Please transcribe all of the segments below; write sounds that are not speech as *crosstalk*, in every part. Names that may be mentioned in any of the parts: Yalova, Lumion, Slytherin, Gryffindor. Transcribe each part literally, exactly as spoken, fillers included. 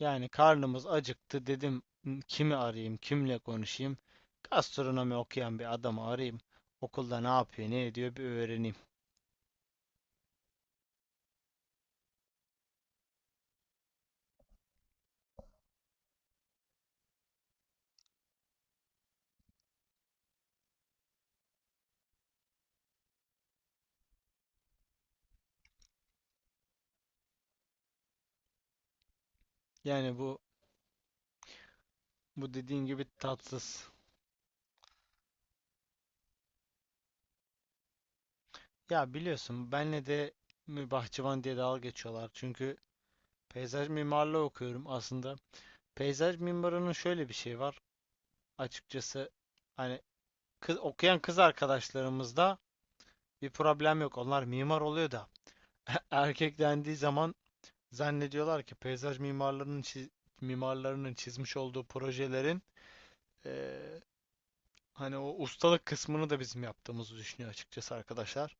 Yani karnımız acıktı dedim "Hmm, kimi arayayım, kimle konuşayım? Gastronomi okuyan bir adamı arayayım. Okulda ne yapıyor, ne ediyor bir öğreneyim. Yani bu bu dediğin gibi tatsız. Ya biliyorsun benle de mü- bahçıvan diye dalga geçiyorlar. Çünkü peyzaj mimarlığı okuyorum aslında. Peyzaj mimarının şöyle bir şey var. Açıkçası hani kız, okuyan kız arkadaşlarımızda bir problem yok. Onlar mimar oluyor da *laughs* erkek dendiği zaman zannediyorlar ki peyzaj mimarlarının çiz- mimarlarının çizmiş olduğu projelerin eee, hani o ustalık kısmını da bizim yaptığımızı düşünüyor açıkçası arkadaşlar.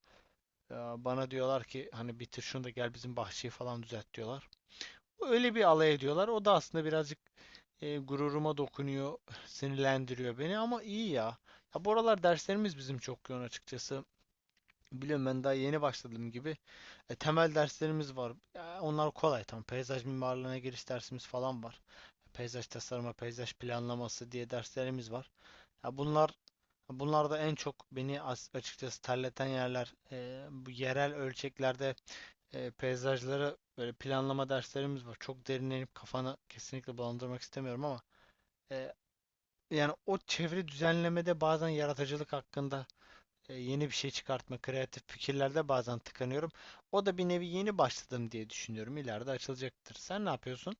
Ya bana diyorlar ki hani bitir şunu da gel bizim bahçeyi falan düzelt diyorlar. Öyle bir alay ediyorlar. O da aslında birazcık eee, gururuma dokunuyor, *sighs* sinirlendiriyor beni ama iyi ya. Ya bu aralar derslerimiz bizim çok yoğun açıkçası. Biliyorum ben daha yeni başladığım gibi. E, temel derslerimiz var. Ya, onlar kolay tam. Peyzaj mimarlığına giriş dersimiz falan var. Peyzaj tasarımı, peyzaj planlaması diye derslerimiz var. Ya bunlar bunlar da en çok beni as- açıkçası terleten yerler. E, bu yerel ölçeklerde e, peyzajları böyle planlama derslerimiz var. Çok derinlenip kafanı kesinlikle bulandırmak istemiyorum ama e, yani o çevre düzenlemede bazen yaratıcılık hakkında e, yeni bir şey çıkartma, kreatif fikirlerde bazen tıkanıyorum. O da bir nevi yeni başladım diye düşünüyorum. İleride açılacaktır. Sen ne yapıyorsun?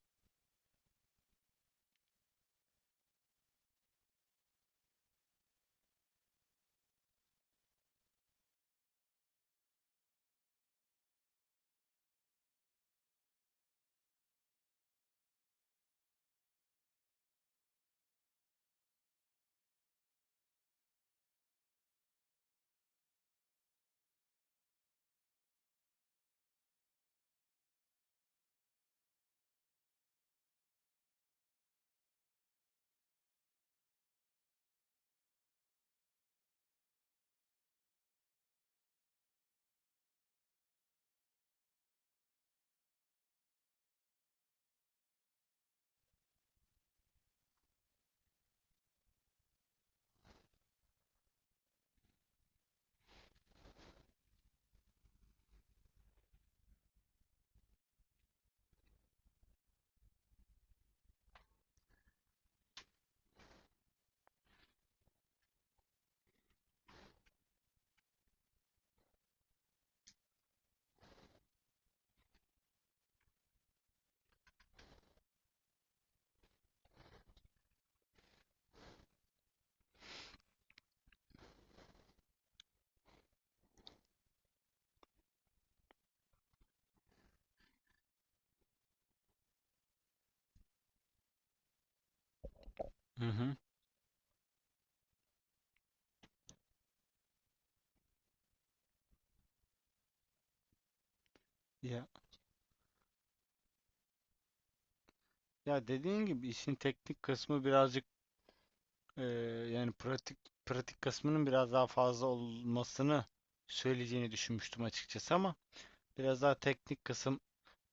Hı hı. Ya, ya dediğin gibi işin teknik kısmı birazcık eee, yani pratik pratik kısmının biraz daha fazla olmasını söyleyeceğini düşünmüştüm açıkçası ama biraz daha teknik kısım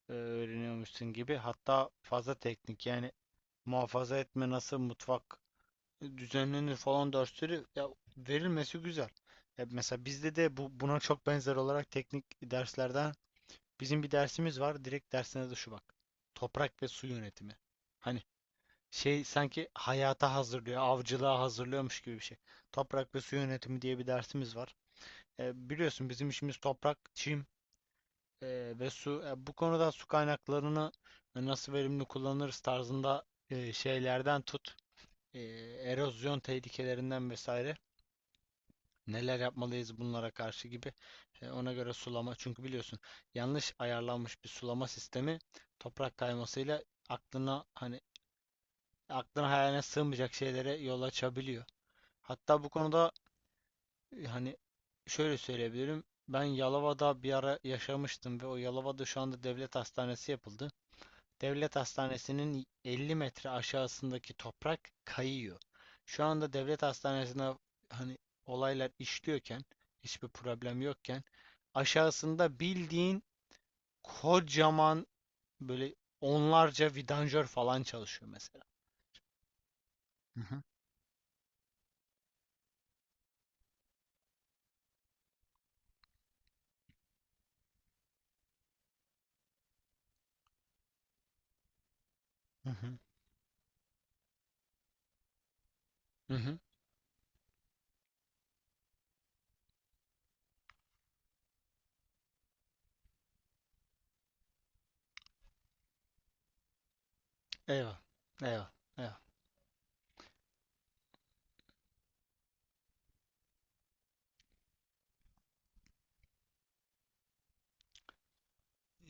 eee, öğreniyormuşsun gibi hatta fazla teknik yani muhafaza etme nasıl mutfak düzenlenir falan dersleri ya verilmesi güzel. Ya mesela bizde de bu buna çok benzer olarak teknik derslerden bizim bir dersimiz var. Direkt dersine de şu bak. Toprak ve su yönetimi. Hani şey sanki hayata hazırlıyor, avcılığa hazırlıyormuş gibi bir şey. Toprak ve su yönetimi diye bir dersimiz var. E, biliyorsun bizim işimiz toprak, çim e, ve su. E, bu konuda su kaynaklarını e, nasıl verimli kullanırız tarzında e, şeylerden tut e, erozyon tehlikelerinden vesaire neler yapmalıyız bunlara karşı gibi. E, ona göre sulama çünkü biliyorsun yanlış ayarlanmış bir sulama sistemi toprak kaymasıyla aklına hani aklına hayaline sığmayacak şeylere yol açabiliyor. Hatta bu konuda e, hani şöyle söyleyebilirim. Ben Yalova'da bir ara yaşamıştım ve o Yalova'da şu anda devlet hastanesi yapıldı. Devlet Hastanesi'nin elli metre aşağısındaki toprak kayıyor. Şu anda devlet hastanesine hani olaylar işliyorken, hiçbir problem yokken aşağısında bildiğin kocaman böyle onlarca vidanjör falan çalışıyor mesela. Hı hı. Hı hı. Hı hı. Eyvah. Eyvah. Eyvah.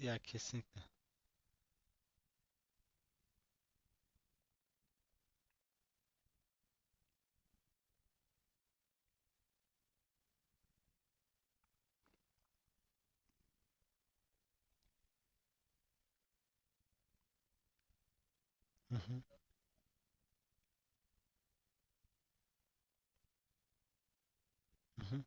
Ya kesinlikle. Hı hı. Hı hı.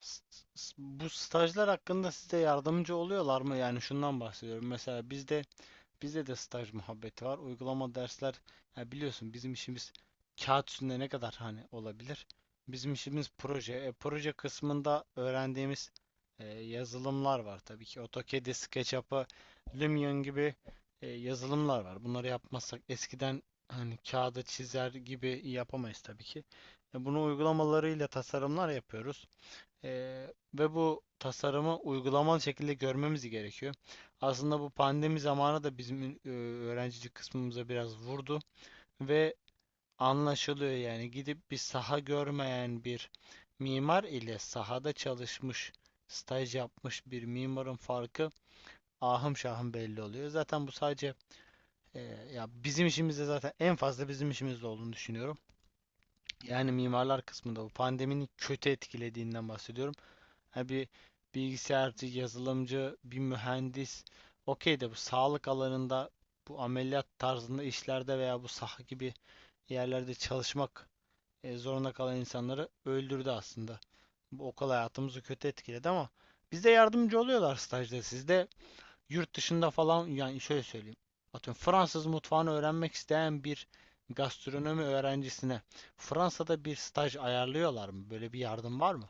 S- s- Bu stajlar hakkında size yardımcı oluyorlar mı? Yani şundan bahsediyorum. Mesela bizde bizde de staj muhabbeti var. Uygulama dersler ya biliyorsun bizim işimiz kağıt üstünde ne kadar hani olabilir? Bizim işimiz proje. E, proje kısmında öğrendiğimiz e, yazılımlar var tabii ki. AutoCAD'i, SketchUp'ı, Lumion gibi e, yazılımlar var. Bunları yapmazsak eskiden hani kağıda çizer gibi yapamayız tabii ki. E, bunu uygulamalarıyla tasarımlar yapıyoruz. Eee, ve bu tasarımı uygulamalı şekilde görmemiz gerekiyor. Aslında bu pandemi zamanı da bizim e, öğrencilik kısmımıza biraz vurdu ve anlaşılıyor yani gidip bir saha görmeyen bir mimar ile sahada çalışmış, staj yapmış bir mimarın farkı ahım şahım belli oluyor. Zaten bu sadece e, ya bizim işimizde zaten en fazla bizim işimizde olduğunu düşünüyorum. Yani mimarlar kısmında bu pandeminin kötü etkilediğinden bahsediyorum. Ha bir bilgisayarcı, yazılımcı, bir mühendis. Okey de bu sağlık alanında, bu ameliyat tarzında işlerde veya bu saha gibi yerlerde çalışmak e, zorunda kalan insanları öldürdü aslında. Bu okul hayatımızı kötü etkiledi ama bize yardımcı oluyorlar stajda. Sizde yurt dışında falan yani şöyle söyleyeyim. Atıyorum Fransız mutfağını öğrenmek isteyen bir gastronomi öğrencisine Fransa'da bir staj ayarlıyorlar mı? Böyle bir yardım var mı?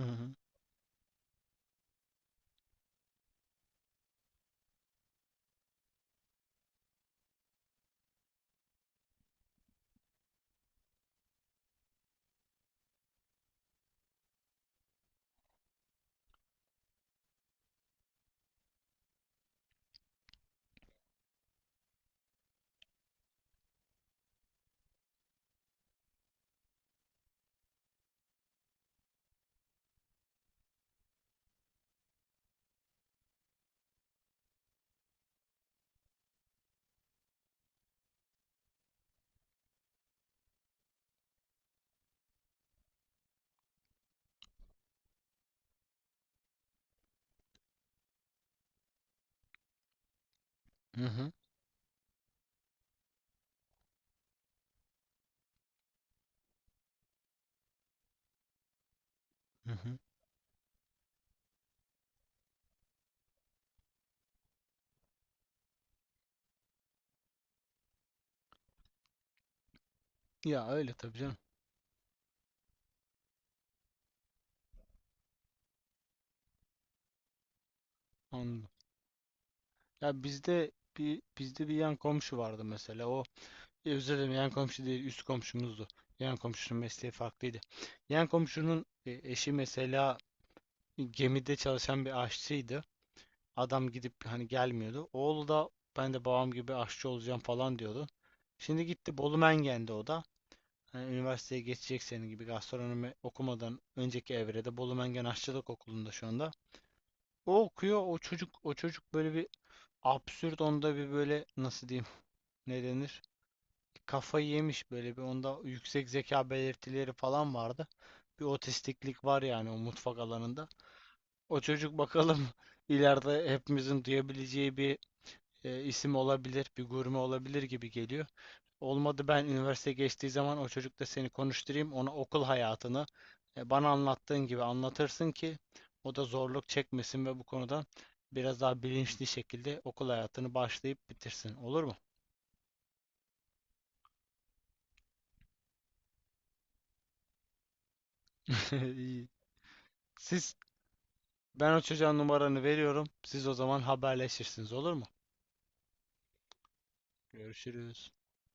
Hı hı. Hı hı. Hı hı. Ya öyle tabii canım. Anladım. Ya bizde bir bizde bir yan komşu vardı mesela. O e, özür dilerim yan komşu değil üst komşumuzdu. Yan komşunun mesleği farklıydı. Yan komşunun e, eşi mesela gemide çalışan bir aşçıydı. Adam gidip hani gelmiyordu. Oğlu da ben de babam gibi aşçı olacağım falan diyordu. Şimdi gitti Bolu Mengen'de o da. Hani üniversiteye geçecek senin gibi gastronomi okumadan önceki evrede Bolu Mengen Aşçılık Okulu'nda şu anda. O okuyor, o çocuk o çocuk böyle bir absürt onda bir böyle nasıl diyeyim *laughs* ne denir? Kafayı yemiş böyle bir onda yüksek zeka belirtileri falan vardı. Bir otistiklik var yani o mutfak alanında. O çocuk bakalım *laughs* ileride hepimizin duyabileceği bir e, isim olabilir, bir gurme olabilir gibi geliyor. Olmadı ben üniversite geçtiği zaman o çocukla seni konuşturayım. Ona okul hayatını e, bana anlattığın gibi anlatırsın ki o da zorluk çekmesin ve bu konuda biraz daha bilinçli şekilde okul hayatını başlayıp bitirsin. Olur mu? *laughs* İyi. Siz Ben o çocuğa numaranı veriyorum. Siz o zaman haberleşirsiniz olur mu? Görüşürüz.